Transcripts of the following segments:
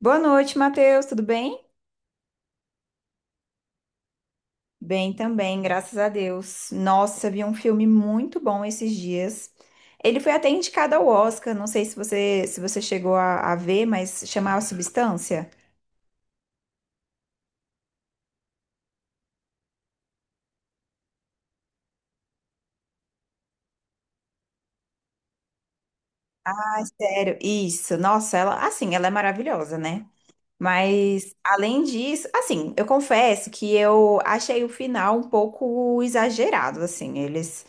Boa noite, Matheus, tudo bem? Bem também, graças a Deus. Nossa, vi um filme muito bom esses dias. Ele foi até indicado ao Oscar, não sei se você chegou a ver, mas chamava Substância. Sério, isso. Nossa, ela, assim, ela é maravilhosa, né? Mas além disso, assim, eu confesso que eu achei o final um pouco exagerado, assim. Eles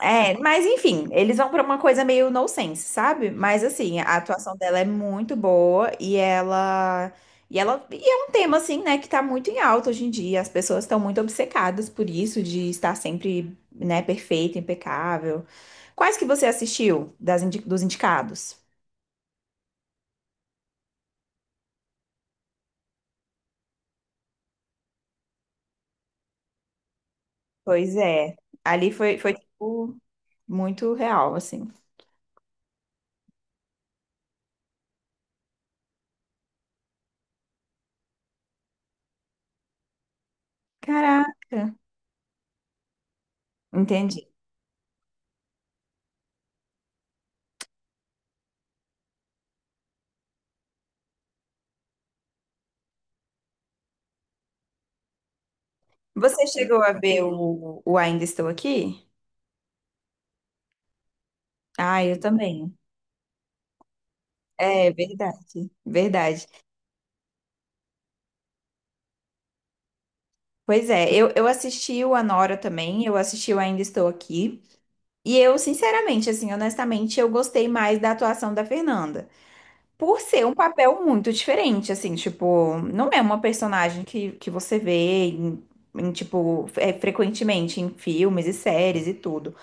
É, mas enfim, eles vão pra uma coisa meio nonsense, sabe? Mas assim, a atuação dela é muito boa e ela e é um tema assim, né, que tá muito em alta hoje em dia. As pessoas estão muito obcecadas por isso de estar sempre, né, perfeita, impecável. Quais que você assistiu dos indicados? Pois é, ali foi tipo muito real assim. Caraca, entendi. Você chegou a ver o Ainda Estou Aqui? Ah, eu também. É verdade, verdade. Pois é, eu assisti o Anora também, eu assisti o Ainda Estou Aqui, e eu, sinceramente, assim, honestamente, eu gostei mais da atuação da Fernanda. Por ser um papel muito diferente, assim, tipo, não é uma personagem que você vê em, tipo, frequentemente em filmes e séries e tudo.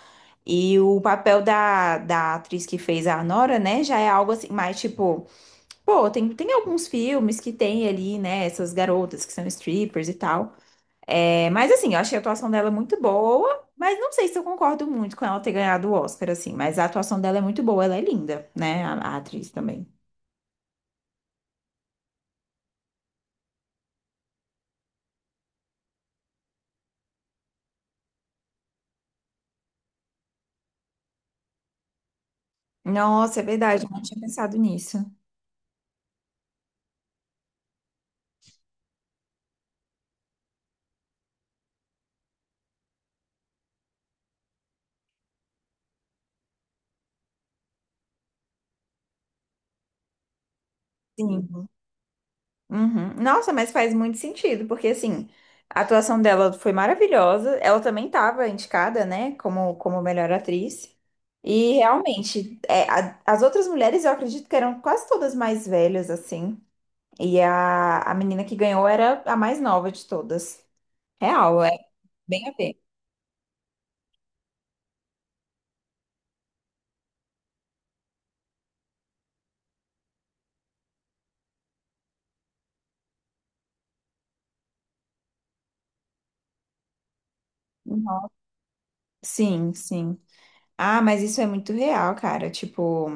E o papel da atriz que fez a Anora, né, já é algo assim, mais tipo. Pô, tem alguns filmes que tem ali, né, essas garotas que são strippers e tal. É, mas assim, eu achei a atuação dela muito boa, mas não sei se eu concordo muito com ela ter ganhado o Oscar, assim, mas a atuação dela é muito boa, ela é linda, né? A atriz também. Nossa, é verdade, eu não tinha pensado nisso. Sim. Uhum. Nossa, mas faz muito sentido, porque assim, a atuação dela foi maravilhosa. Ela também estava indicada, né, como, como melhor atriz. E realmente, as outras mulheres eu acredito que eram quase todas mais velhas, assim. E a menina que ganhou era a mais nova de todas. Real, é bem a ver. Uhum. Sim, sim. Ah, mas isso é muito real, cara. Tipo.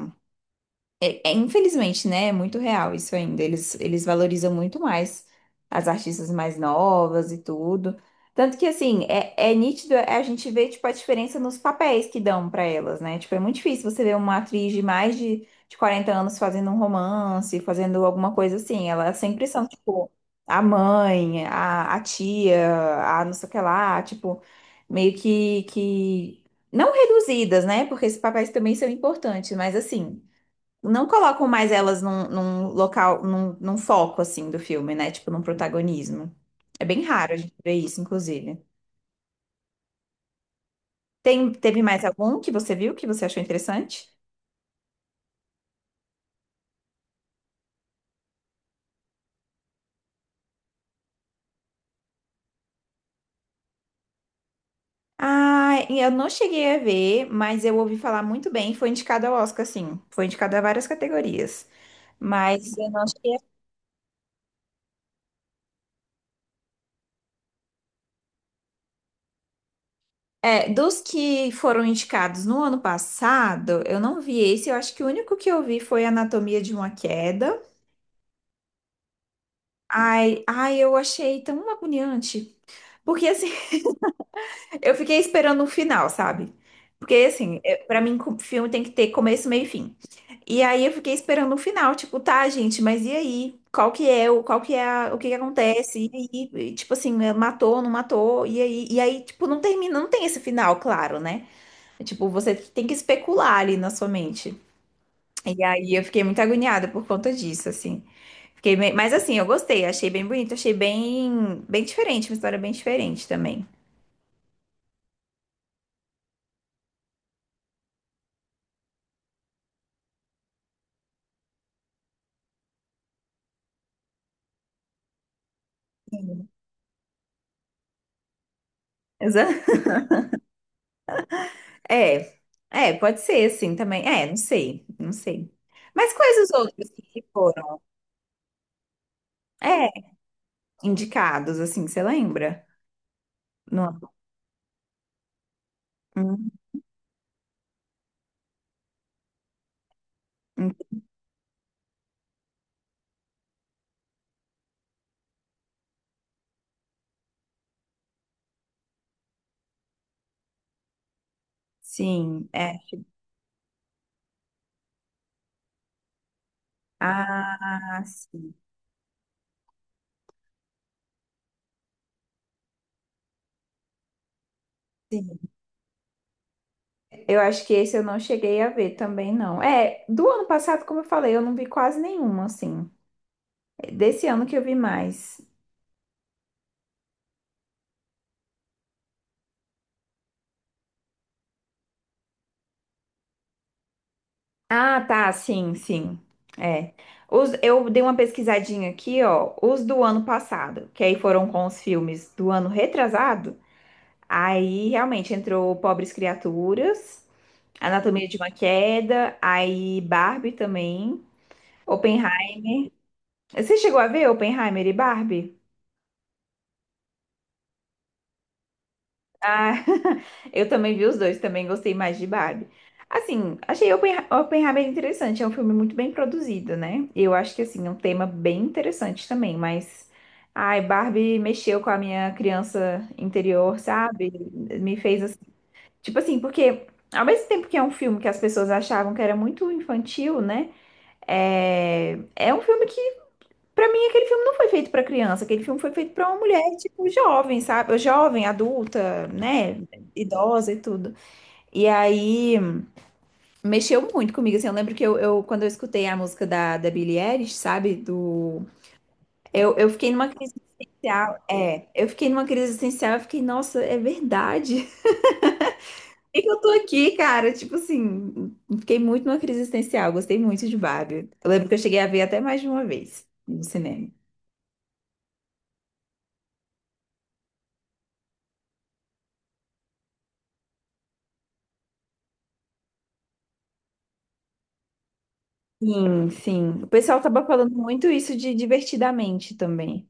É, é, infelizmente, né? É muito real isso ainda. Eles valorizam muito mais as artistas mais novas e tudo. Tanto que, assim, é, é nítido é, a gente vê tipo, a diferença nos papéis que dão pra elas, né? Tipo, é muito difícil você ver uma atriz de mais de 40 anos fazendo um romance, fazendo alguma coisa assim. Elas sempre são, tipo, a mãe, a tia, a não sei o que lá, tipo, meio que... Não reduzidas, né? Porque esses papéis também são importantes, mas assim não colocam mais elas num, num local, num foco assim do filme, né? Tipo, num protagonismo. É bem raro a gente ver isso, inclusive. Teve mais algum que você viu que você achou interessante? Ah, eu não cheguei a ver, mas eu ouvi falar muito bem. Foi indicado ao Oscar, sim. Foi indicado a várias categorias. Mas eu não cheguei a... É, dos que foram indicados no ano passado, eu não vi esse. Eu acho que o único que eu vi foi Anatomia de uma Queda. Ai, ai, eu achei tão agoniante. Porque assim, eu fiquei esperando o final, sabe? Porque assim, pra mim, filme tem que ter começo, meio e fim. E aí eu fiquei esperando o final, tipo, tá, gente, mas e aí? Qual que é o, qual que é a- o que que acontece? E aí, tipo assim, matou, não matou? E aí, tipo, não termina, não tem esse final, claro, né? É, tipo, você tem que especular ali na sua mente. E aí eu fiquei muito agoniada por conta disso, assim. Fiquei bem... Mas assim, eu gostei, achei bem bonito, achei bem, bem diferente, uma história bem diferente também. É, é, pode ser assim também. É, não sei, não sei. Mas quais os outros que foram, é, indicados, assim, você lembra? No... Hum, hum. Sim, é. Ah, sim, sim. Eu acho que esse eu não cheguei a ver também, não. É, do ano passado, como eu falei, eu não vi quase nenhuma, assim. Desse ano que eu vi mais. Ah, tá, sim, sim. É. Os, eu dei uma pesquisadinha aqui, ó, os do ano passado, que aí foram com os filmes do ano retrasado. Aí realmente entrou Pobres Criaturas, Anatomia de uma Queda, aí Barbie também, Oppenheimer. Você chegou a ver Oppenheimer e Barbie? Ah, eu também vi os dois, também gostei mais de Barbie. Assim, achei Oppenheimer interessante, é um filme muito bem produzido, né? E eu acho que, assim, é um tema bem interessante também, mas... Ai, Barbie mexeu com a minha criança interior, sabe? Me fez, assim... Tipo assim, porque ao mesmo tempo que é um filme que as pessoas achavam que era muito infantil, né? É um filme que... Pra mim, aquele filme não foi feito pra criança, aquele filme foi feito pra uma mulher, tipo, jovem, sabe? Jovem, adulta, né? Idosa e tudo. E aí, mexeu muito comigo, assim, eu lembro que quando eu escutei a música da Billie Eilish, sabe? Do... Eu fiquei numa crise existencial, eu fiquei numa crise existencial, eu fiquei, nossa, é verdade? Por que que eu tô aqui, cara? Tipo assim, fiquei muito numa crise existencial, gostei muito de Barbie. Eu lembro que eu cheguei a ver até mais de uma vez no cinema. Sim, sim. O pessoal tava falando muito isso de divertidamente também.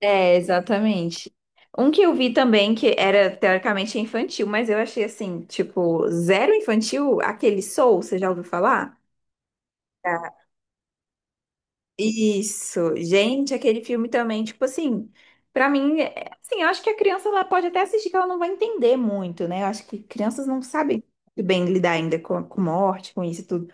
É, exatamente. Um que eu vi também, que era teoricamente infantil, mas eu achei assim, tipo, zero infantil, aquele Soul, você já ouviu falar? Já. Isso, gente, aquele filme também, tipo assim, pra mim, assim, eu acho que a criança ela pode até assistir que ela não vai entender muito, né? Eu acho que crianças não sabem muito bem lidar ainda com morte, com isso tudo.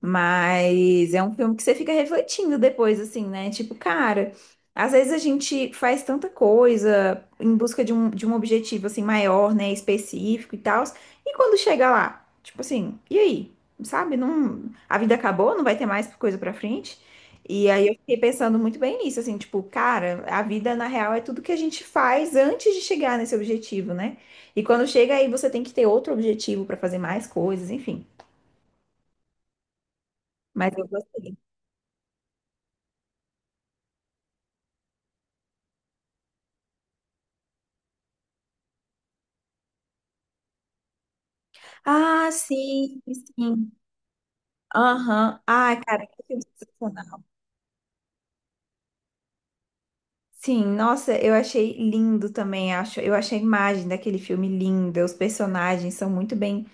Mas é um filme que você fica refletindo depois, assim, né? Tipo, cara, às vezes a gente faz tanta coisa em busca de um objetivo, assim, maior, né? Específico e tal. E quando chega lá, tipo assim, e aí? Sabe? Não, a vida acabou, não vai ter mais coisa pra frente. E aí eu fiquei pensando muito bem nisso, assim, tipo, cara, a vida na real é tudo que a gente faz antes de chegar nesse objetivo, né? E quando chega aí, você tem que ter outro objetivo pra fazer mais coisas, enfim. Mas eu gostei. Ah, sim, sim. Aham. Ai, cara, que filme sensacional. Sim, nossa, eu achei lindo também, acho. Eu achei a imagem daquele filme linda. Os personagens são muito bem...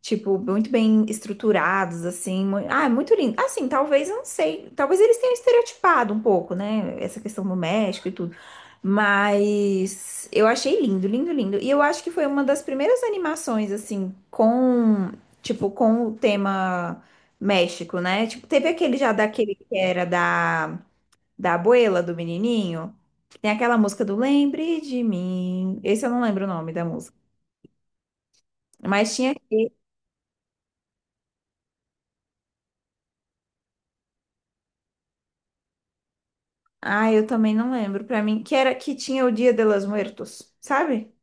Tipo, muito bem estruturados, assim. Ah, é muito lindo. Assim, talvez, eu não sei. Talvez eles tenham estereotipado um pouco, né? Essa questão do México e tudo. Mas eu achei lindo, lindo, lindo. E eu acho que foi uma das primeiras animações, assim, com, tipo, com o tema México, né? Tipo, teve aquele já daquele que era da abuela, do menininho. Tem aquela música do Lembre de Mim. Esse eu não lembro o nome da música. Mas tinha. Ah, eu também não lembro. Pra mim, que era que tinha o Dia de los Muertos, sabe?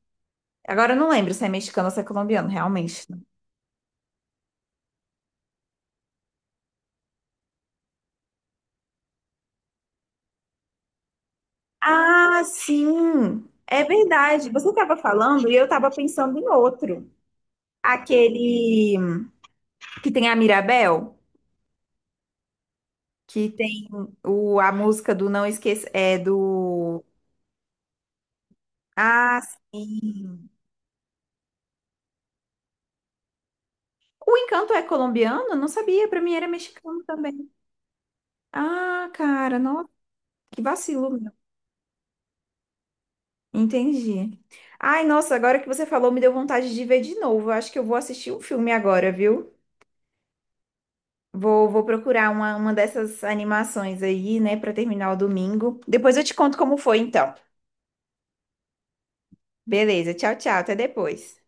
Agora eu não lembro se é mexicano ou se é colombiano, realmente. Ah, sim! É verdade. Você estava falando e eu estava pensando em outro. Aquele que tem a Mirabel, que tem o, a música do Não Esqueça, é do... Ah, sim! O Encanto é colombiano? Não sabia, pra mim era mexicano também. Ah, cara, nossa, que vacilo. Entendi. Ai, nossa, agora que você falou, me deu vontade de ver de novo. Eu acho que eu vou assistir um filme agora, viu? Vou, vou procurar uma dessas animações aí, né, pra terminar o domingo. Depois eu te conto como foi, então. Beleza, tchau, tchau, até depois.